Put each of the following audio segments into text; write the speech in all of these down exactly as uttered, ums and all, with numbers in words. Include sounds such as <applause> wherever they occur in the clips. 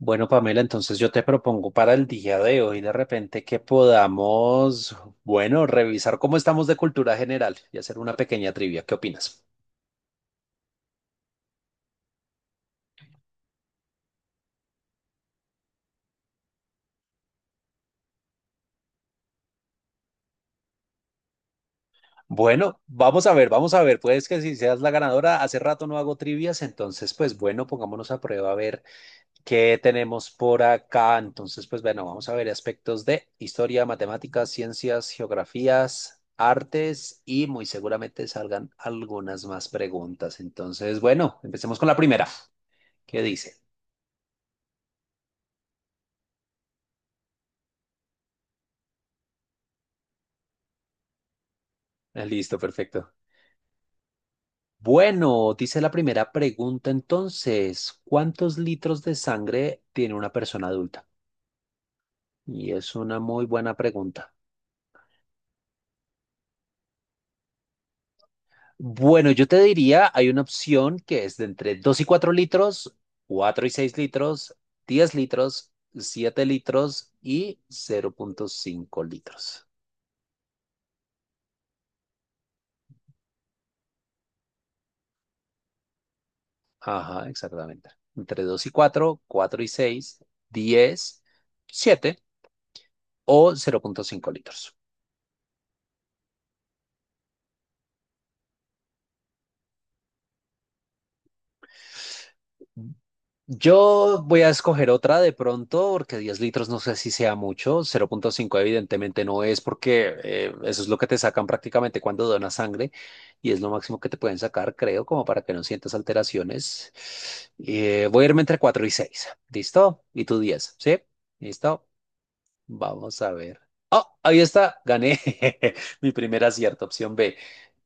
Bueno, Pamela, entonces yo te propongo para el día de hoy de repente que podamos, bueno, revisar cómo estamos de cultura general y hacer una pequeña trivia. ¿Qué opinas? Bueno, vamos a ver, vamos a ver. Puedes que si seas la ganadora, hace rato no hago trivias, entonces pues bueno, pongámonos a prueba a ver qué tenemos por acá. Entonces pues bueno, vamos a ver aspectos de historia, matemáticas, ciencias, geografías, artes y muy seguramente salgan algunas más preguntas. Entonces, bueno, empecemos con la primera. ¿Qué dice? Ah, listo, perfecto. Bueno, dice la primera pregunta entonces, ¿cuántos litros de sangre tiene una persona adulta? Y es una muy buena pregunta. Bueno, yo te diría, hay una opción que es de entre dos y cuatro litros, cuatro y seis litros, diez litros, siete litros y cero punto cinco litros. Ajá, exactamente. Entre dos y cuatro, cuatro y seis, diez, siete o cero punto cinco litros. Yo voy a escoger otra de pronto, porque diez litros no sé si sea mucho. Cero punto cinco evidentemente no es, porque eh, eso es lo que te sacan prácticamente cuando donas sangre y es lo máximo que te pueden sacar, creo, como para que no sientas alteraciones. Eh, voy a irme entre cuatro y seis. ¿Listo? Y tú diez, ¿sí? ¿Listo? Vamos a ver. ¡Oh! Ahí está. Gané. <laughs> Mi primer acierto, opción B.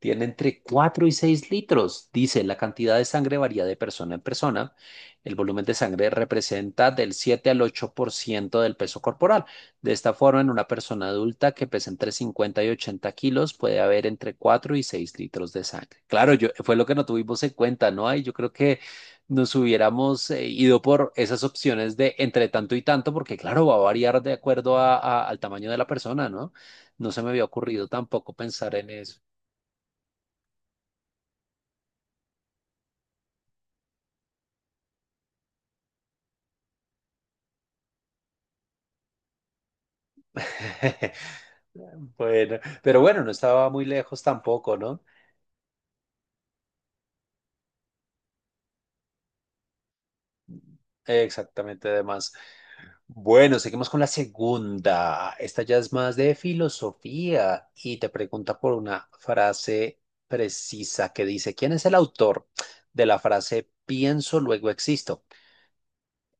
Tiene entre cuatro y seis litros. Dice, la cantidad de sangre varía de persona en persona. El volumen de sangre representa del siete al ocho por ciento del peso corporal. De esta forma, en una persona adulta que pesa entre cincuenta y ochenta kilos, puede haber entre cuatro y seis litros de sangre. Claro, yo, fue lo que no tuvimos en cuenta, ¿no? Ay, yo creo que nos hubiéramos eh, ido por esas opciones de entre tanto y tanto, porque claro, va a variar de acuerdo a- a- al tamaño de la persona, ¿no? No se me había ocurrido tampoco pensar en eso. <laughs> Bueno, pero bueno, no estaba muy lejos tampoco, ¿no? Exactamente, además. Bueno, seguimos con la segunda. Esta ya es más de filosofía y te pregunta por una frase precisa que dice, ¿quién es el autor de la frase pienso, luego existo?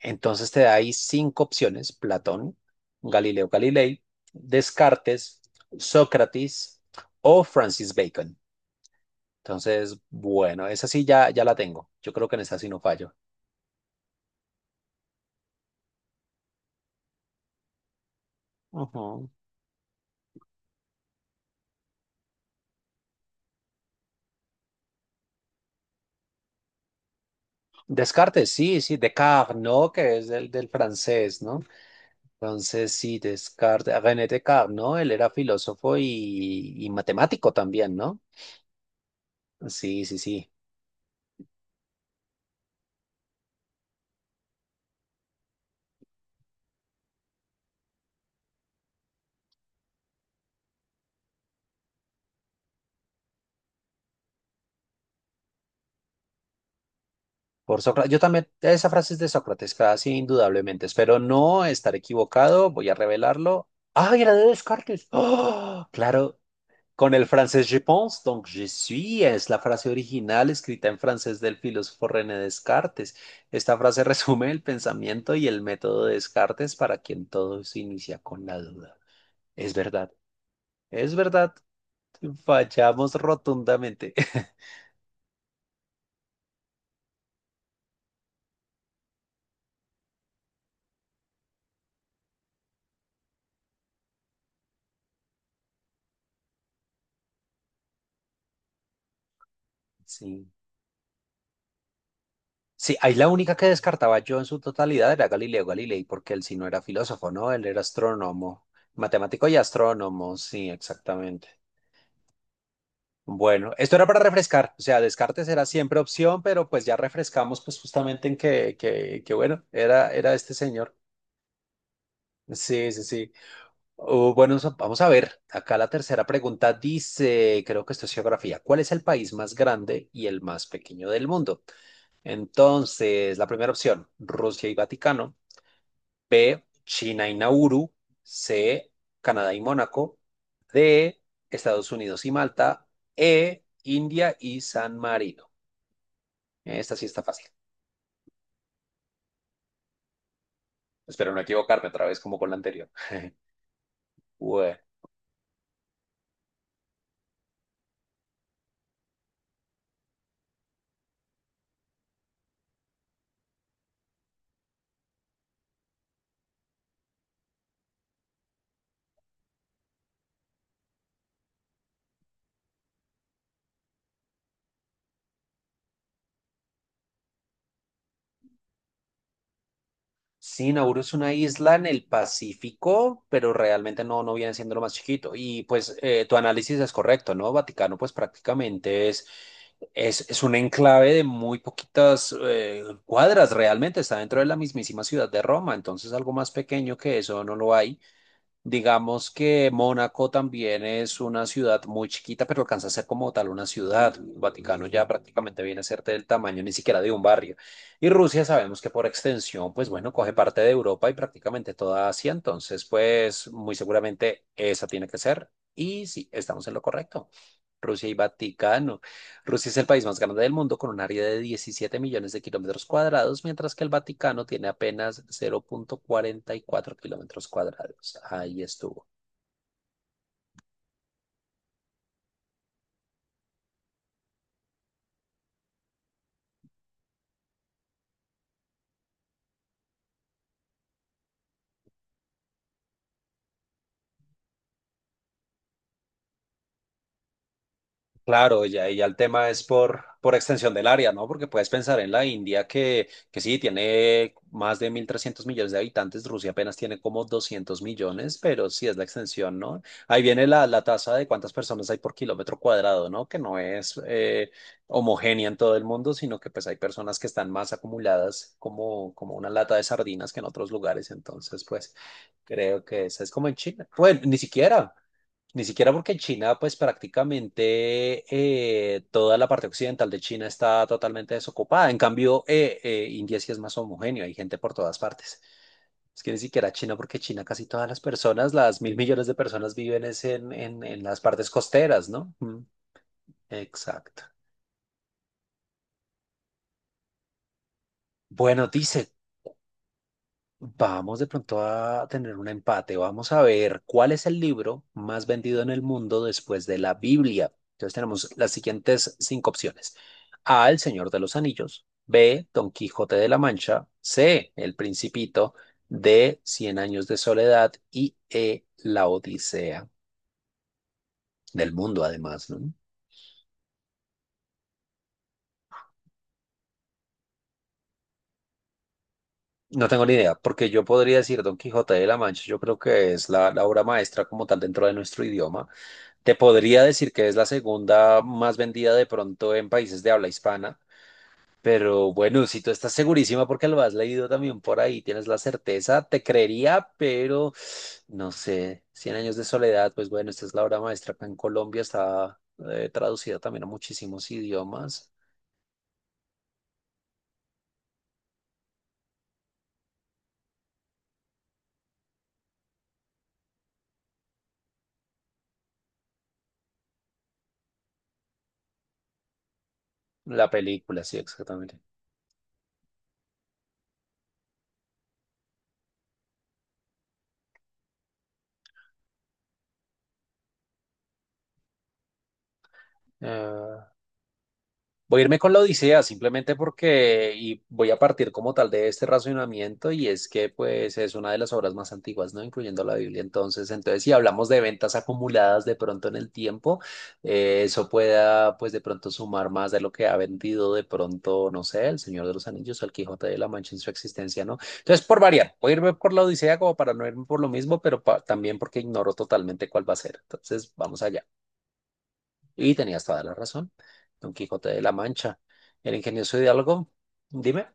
Entonces te da ahí cinco opciones: Platón, Galileo Galilei, Descartes, Sócrates o Francis Bacon. Entonces, bueno, esa sí ya, ya la tengo. Yo creo que en esa sí no fallo. Ujú. Descartes, sí, sí, Descartes, ¿no? Que es del, del francés, ¿no? Entonces, sí, Descartes, René Descartes, ¿no? Él era filósofo y, y matemático también, ¿no? Sí, sí, sí. Por Sócrates. Yo también, esa frase es de Sócrates, casi indudablemente. Espero no estar equivocado, voy a revelarlo. ¡Ay, era de Descartes! ¡Ah! Claro, con el francés je pense, donc je suis, es la frase original escrita en francés del filósofo René Descartes. Esta frase <laughs> resume el pensamiento y el método de Descartes para quien todo se inicia con la duda. Es verdad, es verdad, fallamos rotundamente. <laughs> Sí. Sí, ahí la única que descartaba yo en su totalidad era Galileo Galilei, porque él sí no era filósofo, ¿no? Él era astrónomo, matemático y astrónomo, sí, exactamente. Bueno, esto era para refrescar, o sea, Descartes era siempre opción, pero pues ya refrescamos pues justamente en que, que, que bueno, era, era este señor. Sí, sí, sí. Uh, bueno, so- vamos a ver, acá la tercera pregunta dice, creo que esto es geografía, ¿cuál es el país más grande y el más pequeño del mundo? Entonces, la primera opción, Rusia y Vaticano. B, China y Nauru. C, Canadá y Mónaco. D, Estados Unidos y Malta. E, India y San Marino. Esta sí está fácil. Espero no equivocarme otra vez como con la anterior. <laughs> Bueno. Sí, Nauru es una isla en el Pacífico, pero realmente no, no viene siendo lo más chiquito. Y pues eh, tu análisis es correcto, ¿no? Vaticano pues prácticamente es... Es, es un enclave de muy poquitas eh, cuadras, realmente está dentro de la mismísima ciudad de Roma, entonces algo más pequeño que eso no lo hay. Digamos que Mónaco también es una ciudad muy chiquita, pero alcanza a ser como tal una ciudad. El Vaticano ya prácticamente viene a ser del tamaño ni siquiera de un barrio. Y Rusia sabemos que por extensión, pues bueno, coge parte de Europa y prácticamente toda Asia, entonces pues muy seguramente esa tiene que ser. Y sí, estamos en lo correcto. Rusia y Vaticano. Rusia es el país más grande del mundo con un área de diecisiete millones de kilómetros cuadrados, mientras que el Vaticano tiene apenas cero punto cuarenta y cuatro kilómetros cuadrados. Ahí estuvo. Claro, ya, y ya el tema es por, por extensión del área, ¿no? Porque puedes pensar en la India que, que sí, tiene más de mil trescientos millones de habitantes, Rusia apenas tiene como doscientos millones, pero sí es la extensión, ¿no? Ahí viene la, la tasa de cuántas personas hay por kilómetro cuadrado, ¿no? Que no es eh, homogénea en todo el mundo, sino que pues hay personas que están más acumuladas como, como una lata de sardinas que en otros lugares, entonces pues creo que esa es como en China. Bueno, ni siquiera. Ni siquiera porque en China, pues prácticamente eh, toda la parte occidental de China está totalmente desocupada. En cambio, eh, eh, India sí es más homogéneo, hay gente por todas partes. Es que ni siquiera China, porque China casi todas las personas, las mil millones de personas viven es en, en, en las partes costeras, ¿no? Mm, exacto. Bueno, dice, vamos de pronto a tener un empate. Vamos a ver cuál es el libro más vendido en el mundo después de la Biblia. Entonces tenemos las siguientes cinco opciones. A, El Señor de los Anillos. B, Don Quijote de la Mancha. C, El Principito. D, Cien Años de Soledad. Y E, La Odisea del mundo, además, ¿no? No tengo ni idea, porque yo podría decir Don Quijote de la Mancha. Yo creo que es la, la obra maestra como tal dentro de nuestro idioma. Te podría decir que es la segunda más vendida de pronto en países de habla hispana, pero bueno, si tú estás segurísima porque lo has leído también por ahí, tienes la certeza, te creería, pero no sé, Cien años de soledad, pues bueno, esta es la obra maestra acá en Colombia, está eh, traducida también a muchísimos idiomas. La película, sí, exactamente. Voy a irme con la Odisea simplemente porque, y voy a partir como tal de este razonamiento, y es que pues es una de las obras más antiguas, ¿no? Incluyendo la Biblia. Entonces, entonces si hablamos de ventas acumuladas de pronto en el tiempo, eh, eso pueda pues de pronto sumar más de lo que ha vendido de pronto, no sé, El Señor de los Anillos o El Quijote de la Mancha en su existencia, ¿no? Entonces, por variar, voy a irme por la Odisea como para no irme por lo mismo, pero pa- también porque ignoro totalmente cuál va a ser. Entonces, vamos allá. Y tenías toda la razón. Don Quijote de la Mancha. El ingenioso Hidalgo, dime,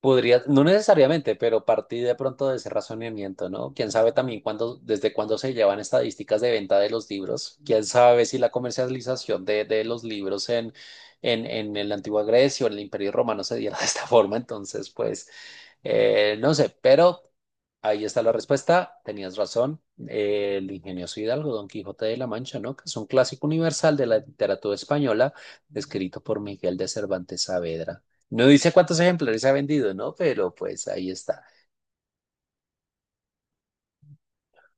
podría, no necesariamente, pero partí de pronto de ese razonamiento, ¿no? Quién sabe también cuándo, desde cuándo se llevan estadísticas de venta de los libros. Quién sabe si la comercialización de, de los libros en, en, en, en la antigua Grecia o en el Imperio Romano se diera <laughs> de esta forma. Entonces, pues, eh, no sé, pero. Ahí está la respuesta, tenías razón. Eh, El ingenioso Hidalgo, Don Quijote de la Mancha, ¿no? Que es un clásico universal de la literatura española, escrito por Miguel de Cervantes Saavedra. No dice cuántos ejemplares ha vendido, ¿no? Pero pues ahí está.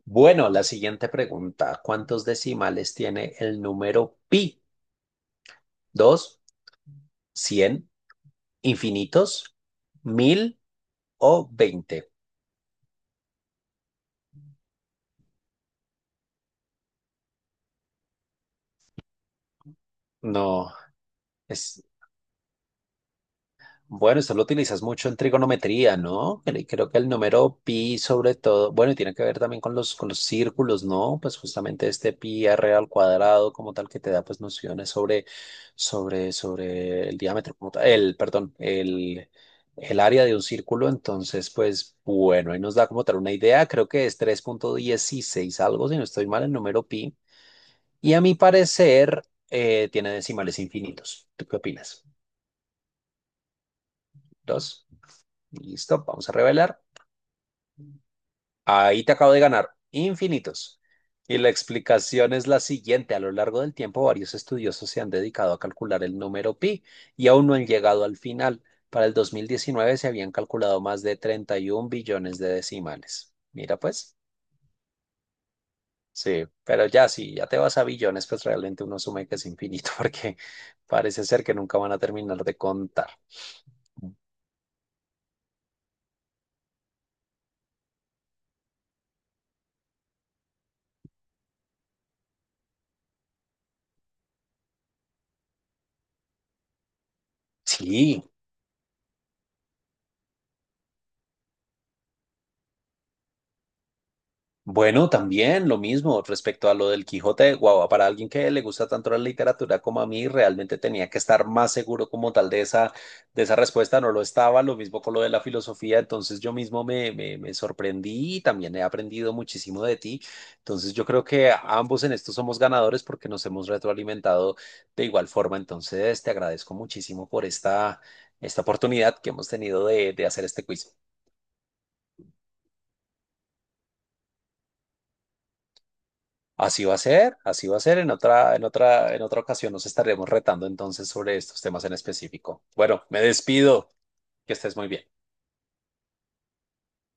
Bueno, la siguiente pregunta. ¿Cuántos decimales tiene el número pi? ¿Dos, cien, infinitos, mil o veinte? No, es, bueno, eso lo utilizas mucho en trigonometría, ¿no? Cre- Creo que el número pi sobre todo, bueno, y tiene que ver también con los, con los, círculos, ¿no? Pues justamente este pi r al cuadrado como tal que te da pues nociones sobre, sobre, sobre el diámetro, como tal- el, perdón, el, el área de un círculo. Entonces, pues bueno, ahí nos da como tal una idea. Creo que es tres punto dieciséis algo, si no estoy mal, el número pi. Y a mi parecer, eh, tiene decimales infinitos. ¿Tú qué opinas? Dos. Listo, vamos a revelar. Ahí te acabo de ganar infinitos. Y la explicación es la siguiente. A lo largo del tiempo, varios estudiosos se han dedicado a calcular el número pi y aún no han llegado al final. Para el dos mil diecinueve se habían calculado más de treinta y un billones de decimales. Mira, pues, sí, pero ya si ya te vas a billones, pues realmente uno asume que es infinito <laughs> porque parece ser que nunca van a terminar de contar. Sí. Bueno, también lo mismo respecto a lo del Quijote de Guava. Para alguien que le gusta tanto la literatura como a mí, realmente tenía que estar más seguro como tal de esa, de esa respuesta. No lo estaba, lo mismo con lo de la filosofía. Entonces yo mismo me, me, me sorprendí y también he aprendido muchísimo de ti. Entonces yo creo que ambos en esto somos ganadores porque nos hemos retroalimentado de igual forma. Entonces te agradezco muchísimo por esta, esta oportunidad que hemos tenido de, de hacer este quiz. Así va a ser, así va a ser. En otra, en otra, en otra ocasión nos estaremos retando entonces sobre estos temas en específico. Bueno, me despido. Que estés muy bien.